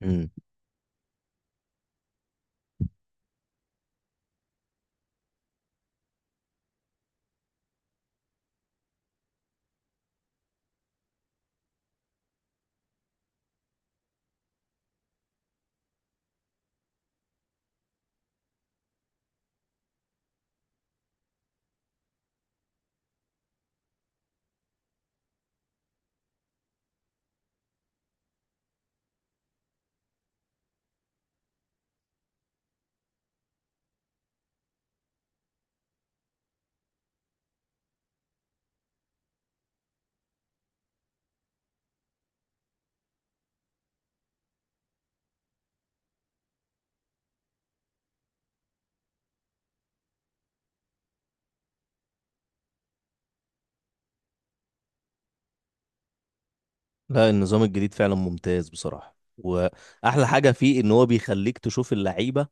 مم. لا، النظام الجديد فعلا ممتاز بصراحة، واحلى حاجة فيه ان هو بيخليك تشوف اللعيبة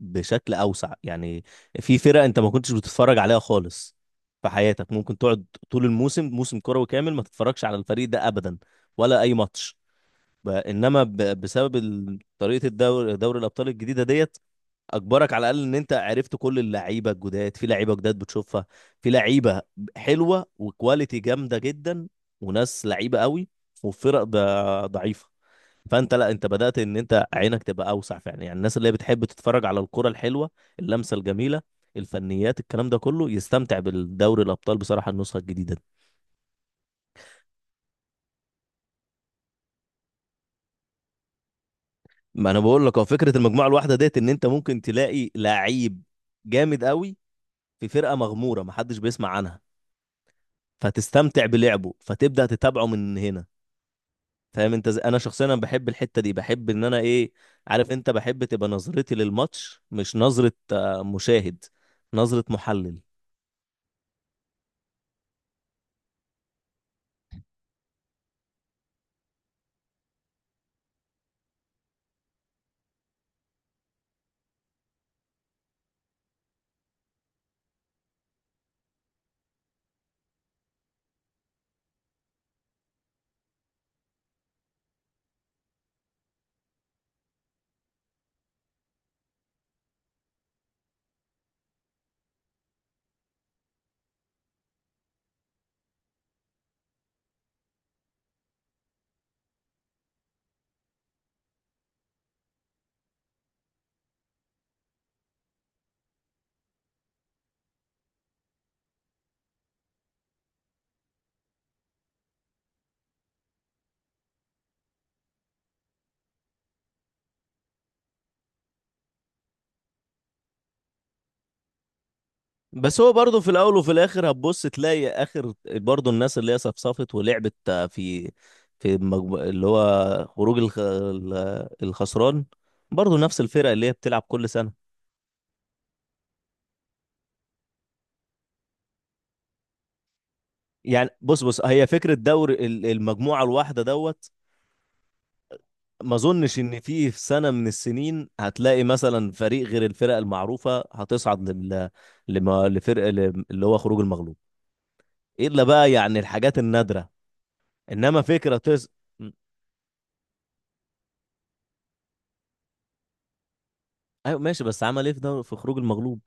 بشكل اوسع. يعني في فرق انت ما كنتش بتتفرج عليها خالص في حياتك. ممكن تقعد طول الموسم، موسم كروي كامل، ما تتفرجش على الفريق ده ابدا ولا اي ماتش. بسبب طريقة دوري الابطال الجديدة ديت، اجبرك على الاقل ان انت عرفت كل اللعيبه الجداد. في لعيبه جداد بتشوفها، في لعيبه حلوه وكواليتي جامده جدا، وناس لعيبه قوي، وفرق ضعيفه. فانت لا، انت بدات ان انت عينك تبقى اوسع فعلا. يعني الناس اللي هي بتحب تتفرج على الكره الحلوه، اللمسه الجميله، الفنيات، الكلام ده كله، يستمتع بالدوري الابطال بصراحه النسخه الجديده دي. ما انا بقول لك، هو فكره المجموعه الواحده ديت ان انت ممكن تلاقي لعيب جامد قوي في فرقه مغموره محدش بيسمع عنها، فتستمتع بلعبه فتبدأ تتابعه من هنا. فاهم انت انا شخصيا أنا بحب الحتة دي، بحب ان انا، ايه، عارف انت، بحب تبقى نظرتي للماتش مش نظرة مشاهد، نظرة محلل. بس هو برضه في الاول وفي الاخر هتبص تلاقي اخر برضه الناس اللي هي صفصفت ولعبت في اللي هو خروج الخسران، برضه نفس الفرق اللي هي بتلعب كل سنة. يعني بص بص، هي فكرة دوري المجموعة الواحدة دوت. ما اظنش ان في في سنه من السنين هتلاقي مثلا فريق غير الفرق المعروفه هتصعد لفرق اللي هو خروج المغلوب، الا بقى يعني الحاجات النادره. انما فكره م. ايوه ماشي، بس عمل ايه في في خروج المغلوب؟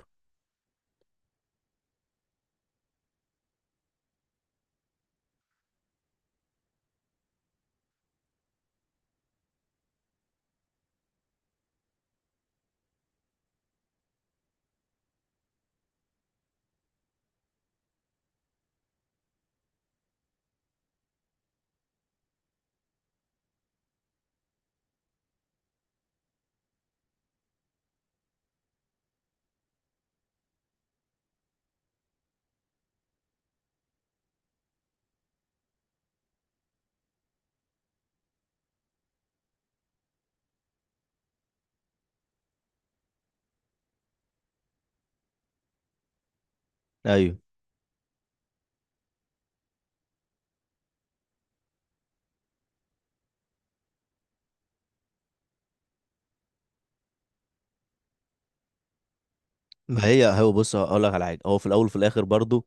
ايوه، ما هي هو بص، هقول لك على حاجه. هو في الاول وفي الاخر برضو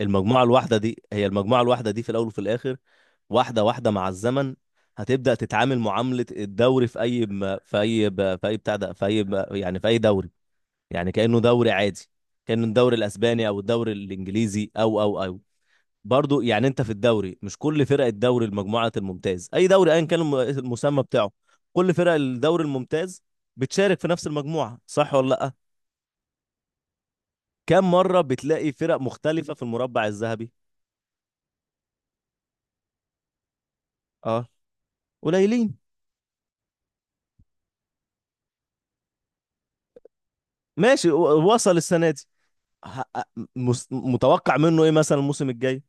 المجموعه الواحده دي، هي المجموعه الواحده دي في الاول وفي الاخر. واحده واحده مع الزمن هتبدا تتعامل معامله الدوري يعني في اي دوري. يعني كأنه دوري عادي، كأنه الدوري الأسباني أو الدوري الإنجليزي أو. برضو يعني أنت في الدوري، مش كل فرق الدوري، المجموعات الممتاز، أي دوري أيا كان المسمى بتاعه، كل فرق الدوري الممتاز بتشارك في نفس المجموعة، صح ولا لأ؟ كم مرة بتلاقي فرق مختلفة في المربع الذهبي؟ اه، قليلين. ماشي وصل السنة دي. ه- متوقع منه إيه مثلا الموسم الجاي؟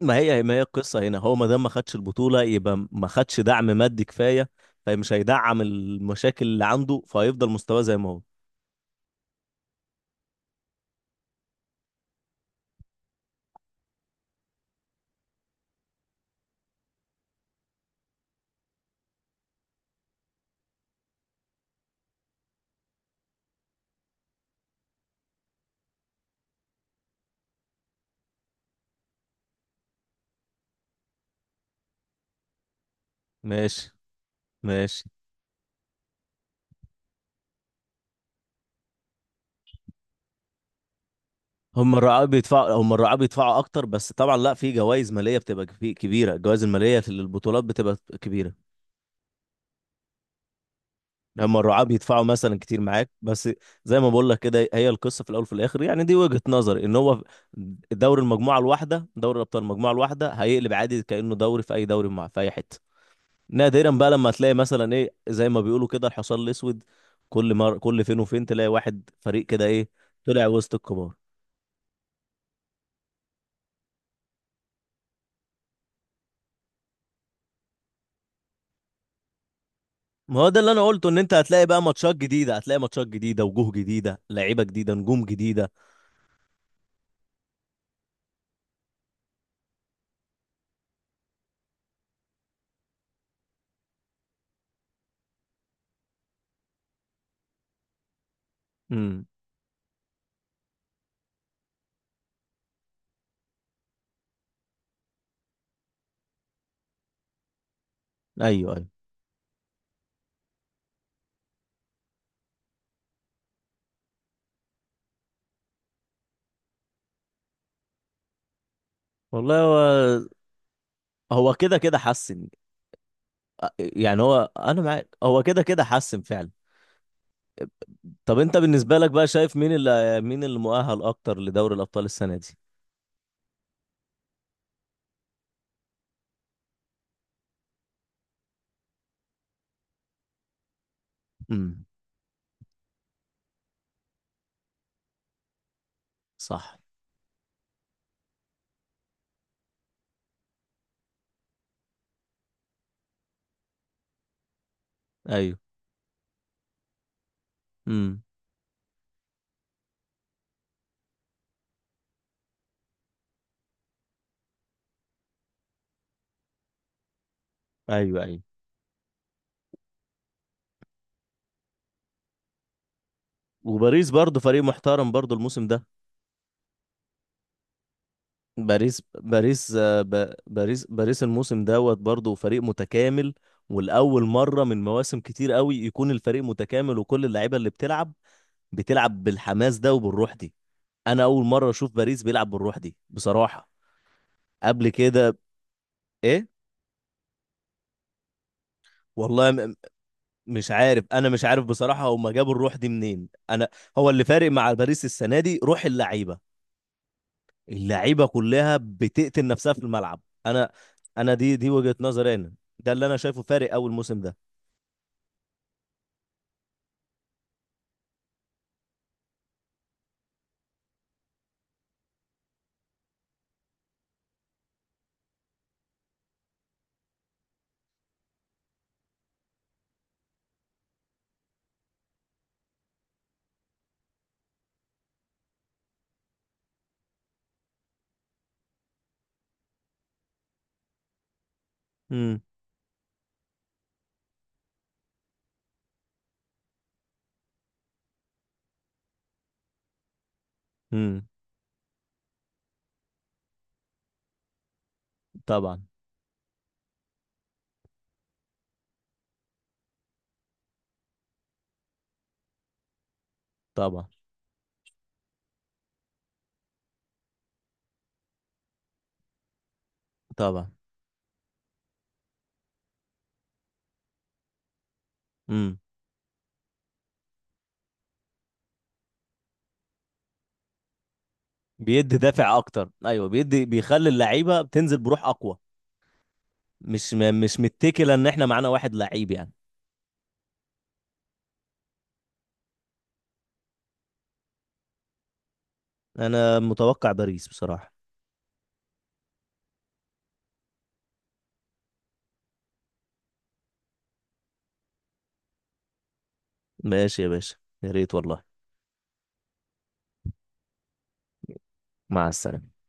ما هي القصة هنا. هو ما دام ما خدش البطولة، يبقى ما خدش دعم مادي كفاية، فمش هيدعم المشاكل اللي عنده، فهيفضل مستواه زي ما هو. ماشي، ماشي. هم الرعاة بيدفعوا أكتر، بس طبعا لا، في جوائز مالية بتبقى كبيرة، الجوائز المالية للبطولات بتبقى كبيرة. هم الرعاة بيدفعوا مثلا كتير معاك بس. زي ما بقول لك كده، هي القصة في الأول وفي الآخر. يعني دي وجهة نظري، إن هو دوري الأبطال المجموعة الواحدة، هيقلب عادي كأنه دوري في أي دوري، مع في أي حتة. نادرا بقى لما تلاقي مثلا، ايه، زي ما بيقولوا كده، الحصان الاسود. كل فين وفين تلاقي واحد فريق كده، ايه، طلع وسط الكبار. ما هو ده اللي انا قلته، ان انت هتلاقي بقى ماتشات جديده، وجوه جديده، لعيبه جديده، نجوم جديده. امم. ايوه، ايوه. والله هو، هو كده كده حسن. يعني هو انا معاك، هو كده كده حسن فعلا. طب انت بالنسبه لك بقى، شايف مين اللي مؤهل اكتر لدوري الابطال السنه دي؟ امم. صح. ايوه. امم. ايوه، ايوه. وباريس برضه فريق محترم برضه الموسم ده. باريس باريس الموسم دوت برضه فريق متكامل. والأول مرة من مواسم كتير قوي يكون الفريق متكامل، وكل اللعيبة اللي بتلعب بتلعب بالحماس ده وبالروح دي. أنا أول مرة أشوف باريس بيلعب بالروح دي بصراحة قبل كده. إيه؟ والله مش عارف، أنا مش عارف بصراحة هما جابوا الروح دي منين. أنا، هو اللي فارق مع باريس السنة دي روح اللعيبة، اللعيبه كلها بتقتل نفسها في الملعب. انا انا دي وجهة نظري، انا ده اللي انا شايفه فارق اول موسم ده. امم. امم. طبعا. طبعا. طبعا. امم. بيدي دافع اكتر، ايوه، بيدي، بيخلي اللعيبه بتنزل بروح اقوى، مش مش متكله ان احنا معانا واحد لعيب يعني. انا متوقع باريس بصراحه. ماشي يا باشا، يا ريت والله. مع السلامه.